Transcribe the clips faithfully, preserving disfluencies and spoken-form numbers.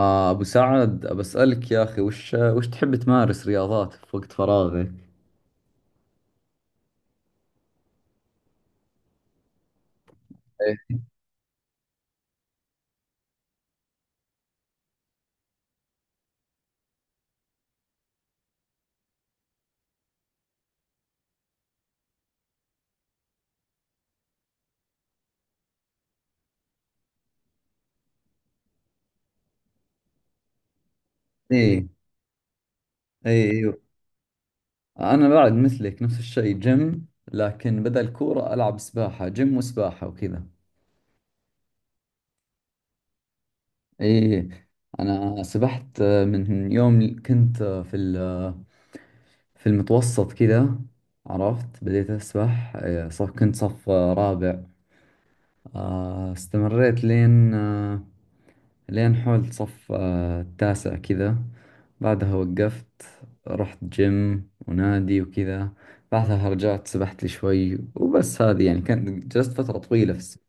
آه أبو سعد بسألك يا أخي، وش وش تحب تمارس رياضات في وقت فراغك؟ إيه. إيه، إيه، أيوه. أنا بعد مثلك، نفس الشيء جيم، لكن بدل كورة ألعب سباحة. جيم وسباحة وكذا. إيه، إيه. أنا سبحت آه، من يوم كنت، آه، في ال- آه، في المتوسط كذا. عرفت، بديت أسبح إيه، صف كنت صف آه، رابع. آه، استمريت لين، آه، لين حول صف آه، التاسع كذا. بعدها وقفت، رحت جيم ونادي وكذا. بعدها رجعت سبحت لي شوي وبس. هذه يعني كانت، جلست فترة طويلة في السباحة.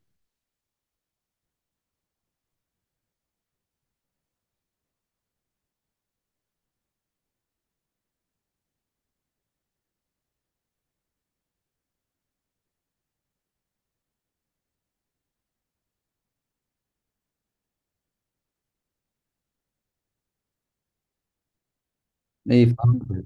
اي، فهمت.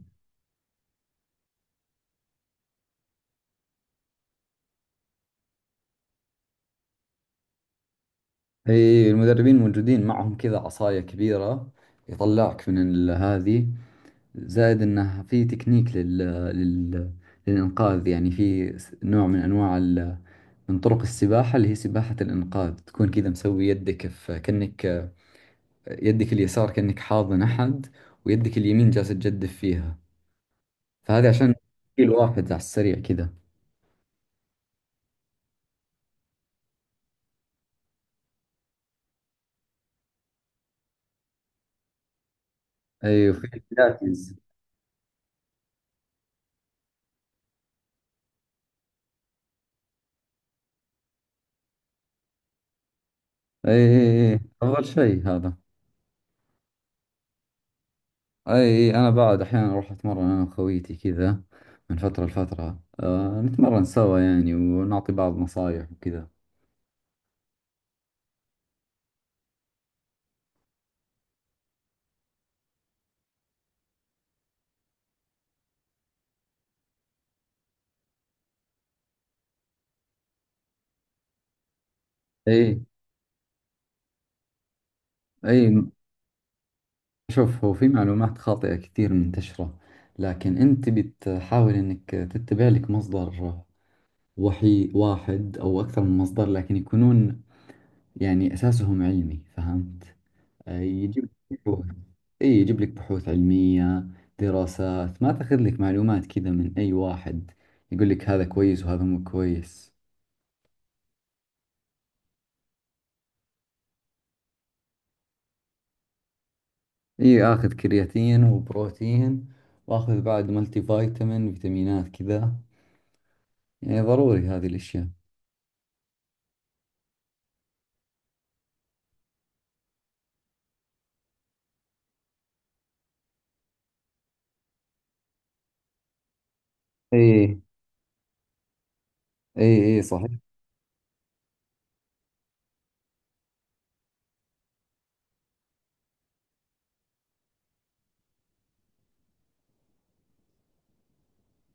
اي، المدربين موجودين معهم كذا عصاية كبيرة يطلعك من ال- هذه. زائد انه في تكنيك لل... لل... للإنقاذ. يعني في س- نوع من أنواع ال... من طرق السباحة، اللي هي سباحة الإنقاذ، تكون كذا مسوي يدك في، كأنك يدك اليسار كأنك حاضن أحد، ويدك اليمين جالسة تجدف فيها، فهذه عشان تشيل واحد على السريع كذا. أي، وفي البلاتيز. أي، أي، أي، أفضل شيء هذا. أي، أنا بعد أحيانا أروح أتمرن أنا وخويتي كذا، من فترة لفترة، أه نتمرن سوا يعني ونعطي بعض نصايح وكذا. أي. أي، شوف، هو في معلومات خاطئة كثير منتشرة، لكن أنت بتحاول إنك تتبع لك مصدر وحي، واحد أو أكثر من مصدر، لكن يكونون يعني أساسهم علمي، فهمت. آه، يجيب لك بحوث. أي، يجيب لك بحوث علمية، دراسات. ما تاخذ لك معلومات كذا من أي واحد يقول لك هذا كويس وهذا مو كويس. أي، آخذ كرياتين وبروتين، وآخذ بعد ملتي فيتامين، فيتامينات كذا. يعني ضروري هذه الأشياء. اي، اي، اي، صحيح.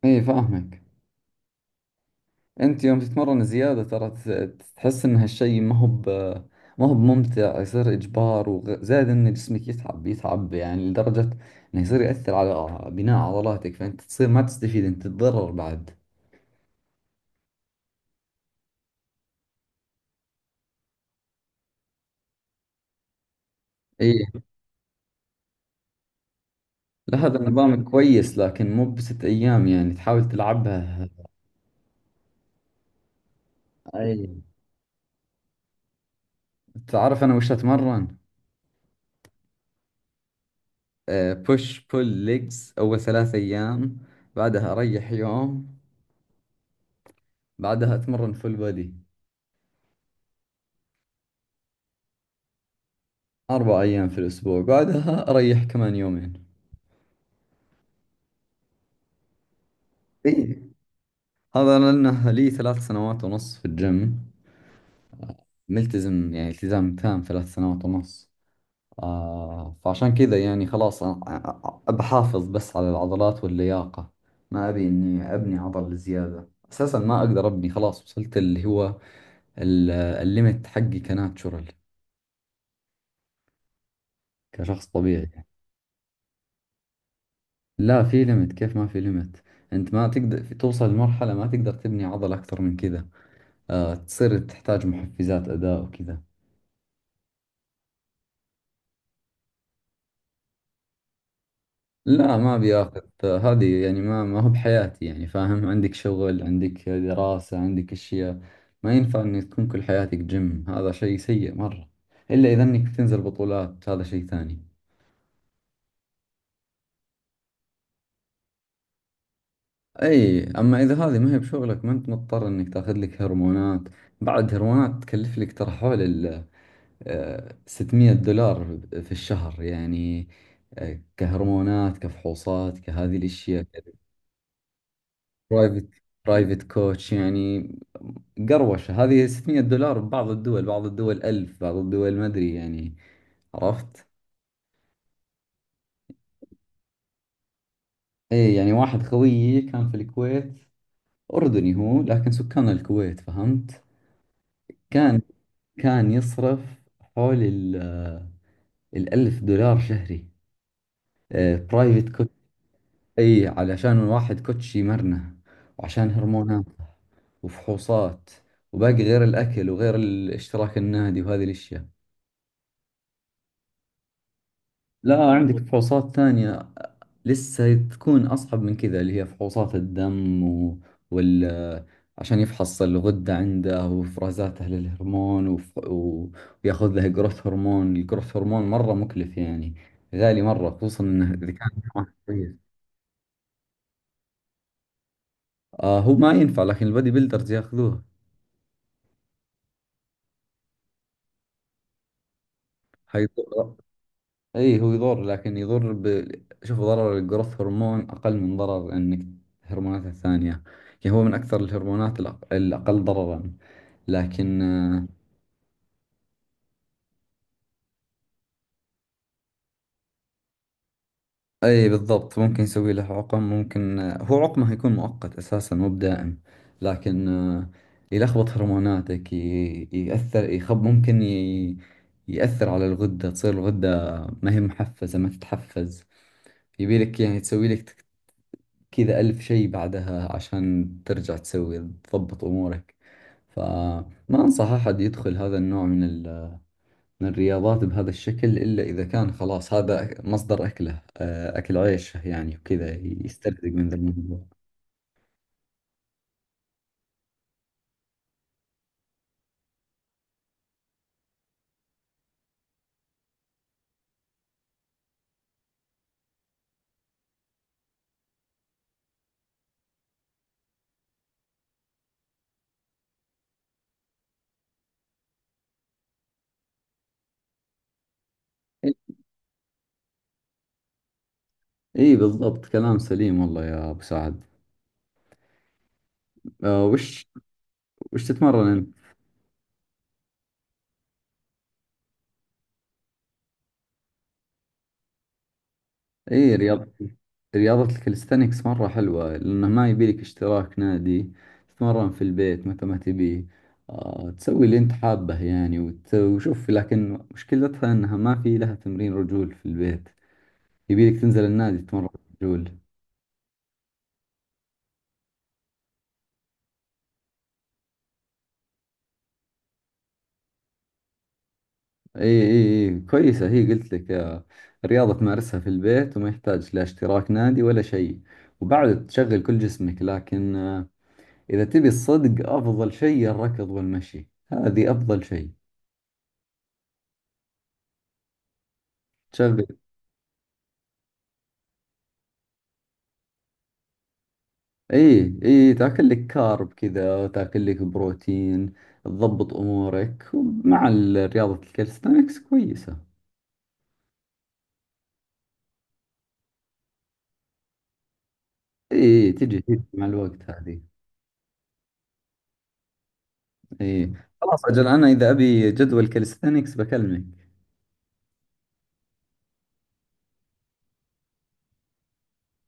اي، فاهمك. انت يوم تتمرن زيادة، ترى ت- تحس ان هالشيء ما هو ب ما هو بممتع. يصير اجبار، وزائد ان جسمك يتعب، يتعب يعني، لدرجة انه يصير يأثر على بناء عضلاتك، فانت تصير ما تستفيد، انت تتضرر بعد. ايه. لا، هذا النظام كويس، لكن مو بست ايام يعني، تحاول تلعبها. اي. تعرف انا وش اتمرن؟ بوش بول ليجز اول ثلاث ايام، بعدها اريح يوم، بعدها اتمرن فول بودي. أربع أيام في الأسبوع، بعدها أريح كمان يومين. اي، هذا لأنه لي ثلاث سنوات ونص في الجيم، ملتزم يعني التزام تام، ثلاث سنوات ونص. آه فعشان كذا يعني، خلاص، أ- أ- بحافظ بس على العضلات واللياقة، ما أبي إني أبني عضل زيادة. أساسا ما أقدر أبني، خلاص وصلت اللي هو ال- الليمت حقي كناتشورال، كشخص طبيعي. لا، في ليمت، كيف ما في ليمت؟ أنت ما تقدر، توصل لمرحلة ما تقدر تبني عضل أكثر من كذا، آه، تصير تحتاج محفزات أداء وكذا. لا، ما بياخذ هذه يعني، ما ما هو بحياتي يعني. فاهم، عندك شغل، عندك دراسة، عندك أشياء. ما ينفع إنك تكون كل حياتك جيم، هذا شيء سيء مرة، إلا إذا إنك تنزل بطولات، هذا شيء ثاني. أي، أما إذا هذه ما هي بشغلك، ما أنت مضطر إنك تاخذ لك هرمونات. بعد هرمونات تكلف لك ترى، حول ال آه، ستمئة دولار في الشهر يعني، آه، كهرمونات، كفحوصات، كهذه الأشياء. برايفت برايفت كوتش يعني. قروشة هذه. ست مية دولار ببعض الدول، بعض الدول ألف، بعض الدول ما أدري يعني، عرفت. إيه، يعني واحد خويي كان في الكويت، أردني هو لكن سكان الكويت، فهمت. كان كان يصرف حول ال الألف دولار شهري. برايفت كوتش. أي، علشان الواحد كوتش يمرنه، وعشان هرمونات، وفحوصات، وباقي، غير الأكل، وغير اشتراك النادي وهذه الأشياء. لا، عندك فحوصات ثانية لسه، تكون أصعب من كذا، اللي هي فحوصات الدم و... وال عشان يفحص الغدة عنده وإفرازاته للهرمون، وف... و... وياخذ له جروث هرمون. الجروث هرمون مرة مكلف يعني، غالي مرة، خصوصا إنه إذا كان. ما كويس. آه هو ما ينفع، لكن البادي بيلدرز ياخذوه. حيضر. أي، هو يضر، لكن يضر ب... شوف، ضرر الجروث هرمون أقل من ضرر إنك، هرمونات الثانية. يعني هو من أكثر الهرمونات الأق- الأقل ضررا، لكن آه، اي بالضبط، ممكن يسوي له عقم، ممكن آه، هو عقمه يكون مؤقت اساسا، مو بدائم، لكن آه، يلخبط هرموناتك، ي- يأثر، يخب، ممكن ي- يأثر على الغدة، تصير الغدة ما هي محفزة، ما تتحفز، يبي لك يعني تسوي لك تك- كذا ألف شيء بعدها عشان ترجع تسوي، تضبط أمورك. فما أنصح أحد يدخل هذا النوع من من الرياضات بهذا الشكل، إلا إذا كان خلاص هذا مصدر أكله، آه، أكل عيشه يعني وكذا، يسترزق من ذا الموضوع. إي بالضبط، كلام سليم والله يا أبو سعد. آه، وش وش تتمرن أنت؟ إي، رياضة. رياضة الكاليستانكس مرة حلوة، لأنه ما يبيلك اشتراك نادي، تتمرن في البيت متى ما تبي، آه، تسوي اللي أنت حابه يعني وت- وشوف. لكن مشكلتها أنها ما في لها تمرين رجول في البيت، يبيلك تنزل النادي تتمرن رجول. اي، اي، اي، كويسة هي، قلت لك آه، رياضة تمارسها في البيت، وما يحتاج لا اشتراك نادي ولا شيء، وبعد تشغل كل جسمك، لكن آه، إذا تبي الصدق، أفضل شيء الركض والمشي، هذه أفضل شيء تشغل. اي، اي، تاكل لك كارب كذا، تاكل لك بروتين، تضبط أمورك، ومع ال- رياضة الكالستانكس كويسة. اي، إي، تجي تجي مع الوقت هذه. اي، خلاص أجل، أنا إذا أبي جدول كالستانكس بكلمك.